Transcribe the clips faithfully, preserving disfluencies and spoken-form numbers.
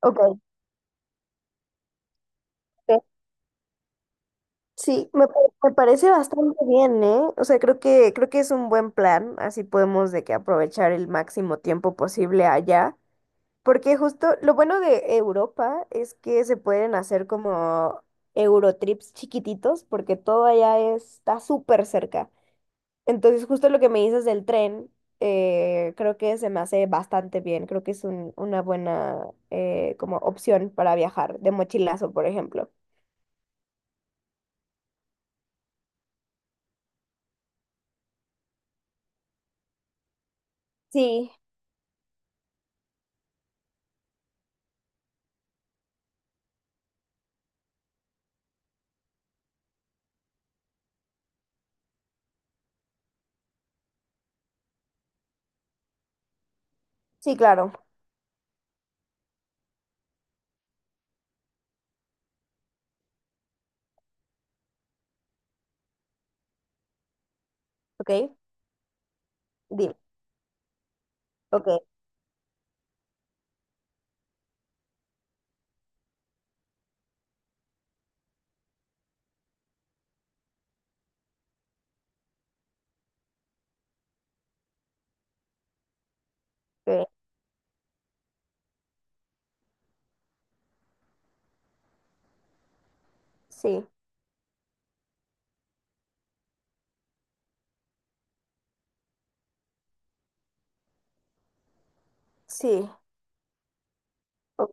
Ok, ok. Sí, me, pa- me parece bastante bien, ¿eh? O sea, creo que, creo que es un buen plan, así podemos de que aprovechar el máximo tiempo posible allá, porque justo lo bueno de Europa es que se pueden hacer como Eurotrips chiquititos, porque todo allá está súper cerca. Entonces, justo lo que me dices del tren, eh, creo que se me hace bastante bien, creo que es un- una buena eh, como opción para viajar de mochilazo, por ejemplo. Sí, sí, claro. Ok, dime. Ok, ok, sí, sí, o-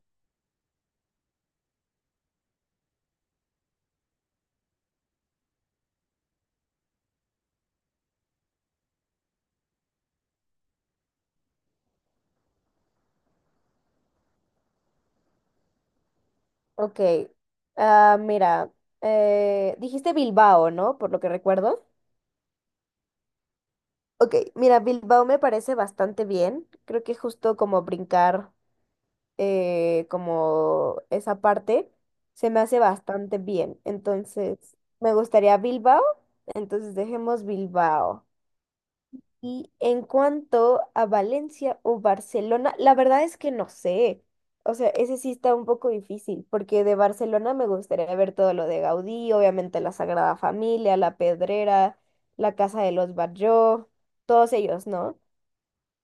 ok. Ah, mira, eh, dijiste Bilbao, ¿no? Por lo que recuerdo. Ok, mira, Bilbao me parece bastante bien. Creo que justo como brincar eh, como esa parte se me hace bastante bien. Entonces, me gustaría Bilbao. Entonces, dejemos Bilbao. Y en cuanto a Valencia o Barcelona, la verdad es que no sé. O sea, ese sí está un poco difícil, porque de Barcelona me gustaría ver todo lo de Gaudí, obviamente la Sagrada Familia, la Pedrera, la Casa de los Batlló, todos ellos, ¿no?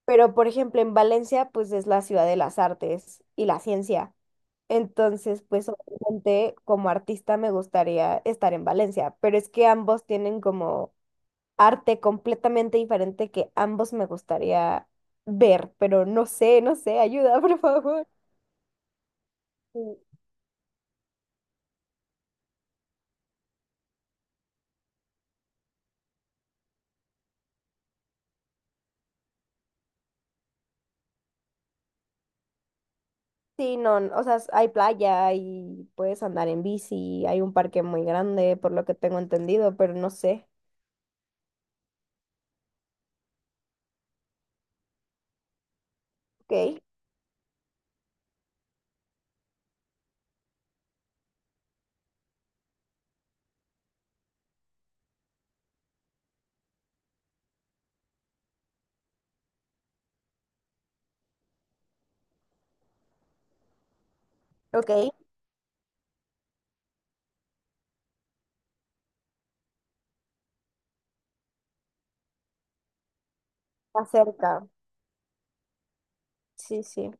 Pero, por ejemplo, en Valencia, pues es la ciudad de las artes y la ciencia. Entonces, pues obviamente como artista me gustaría estar en Valencia, pero es que ambos tienen como arte completamente diferente que ambos me gustaría ver, pero no sé, no sé, ayuda, por favor. Sí, sí, no, n- o sea, s- hay playa y puedes andar en bici, hay un parque muy grande, por lo que tengo entendido, pero no sé. Ok, ok, acerca. Sí, sí,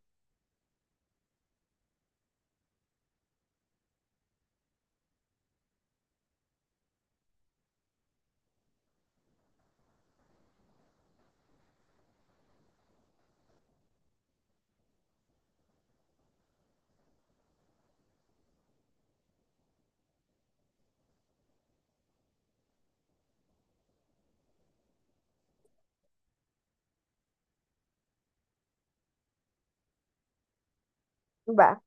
va,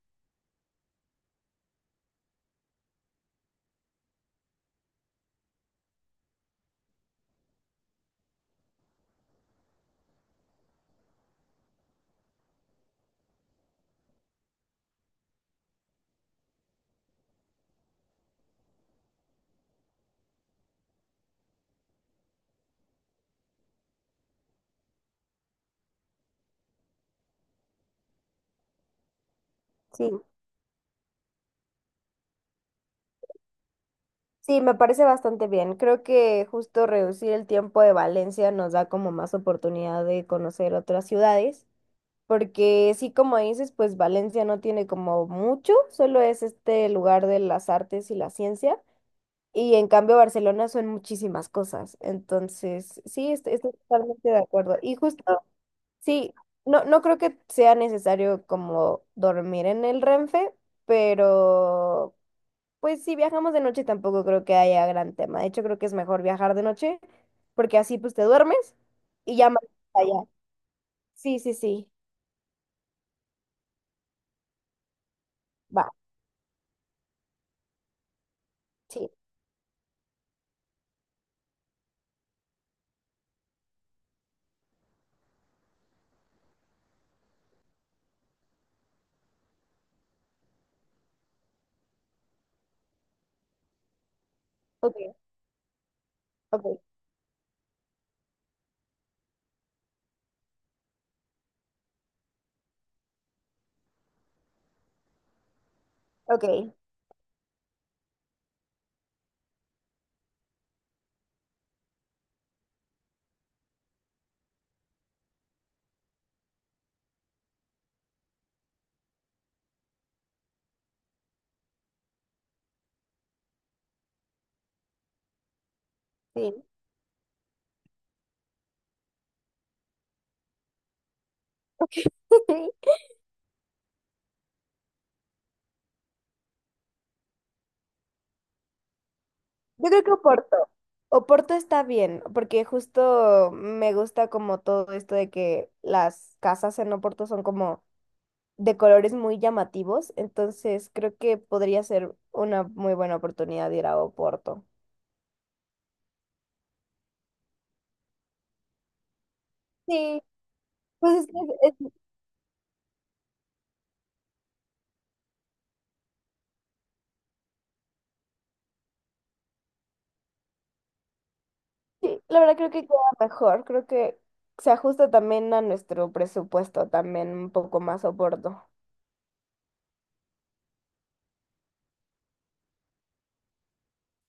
sí. Sí, me parece bastante bien. Creo que justo reducir el tiempo de Valencia nos da como más oportunidad de conocer otras ciudades. Porque sí, como dices, pues Valencia no tiene como mucho, solo es este lugar de las artes y la ciencia. Y en cambio Barcelona son muchísimas cosas. Entonces, sí, est- estoy totalmente de acuerdo. Y justo, sí, no, no creo que sea necesario como dormir en el Renfe, pero pues si viajamos de noche tampoco creo que haya gran tema. De hecho, creo que es mejor viajar de noche, porque así pues te duermes y ya más allá. Sí, sí, sí. Va, sí. Ok, ok. Ok, sí. Yo creo que Oporto. Oporto está bien, porque justo me gusta como todo esto de que las casas en Oporto son como de colores muy llamativos, entonces creo que podría ser una muy buena oportunidad de ir a Oporto. Sí, pues es que- es- sí, la verdad creo que queda mejor, creo que se ajusta también a nuestro presupuesto, también un poco más Oporto.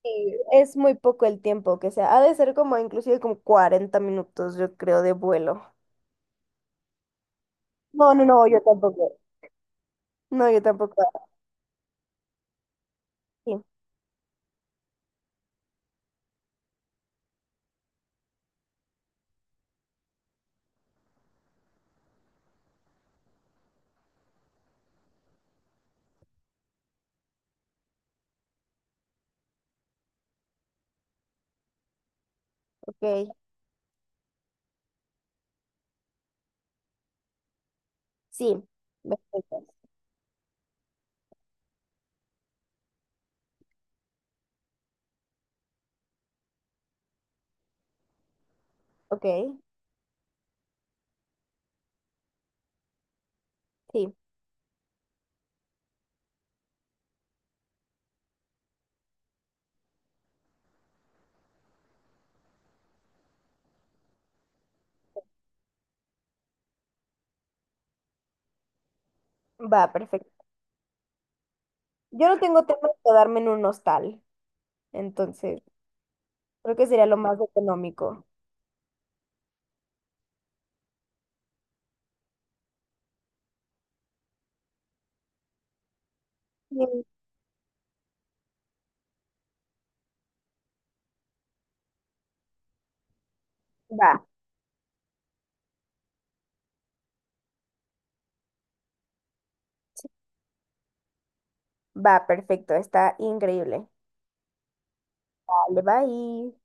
Sí, es muy poco el tiempo que sea. Ha de ser como inclusive como cuarenta minutos, yo creo, de vuelo. No, no, no, yo tampoco. No, yo tampoco. Sí, ok. Sí, perfecto. Ok, sí. Va, perfecto. Yo no tengo tema de quedarme en un hostal, entonces creo que sería lo más económico. Sí, va, va, perfecto. Está increíble. Vale, bye.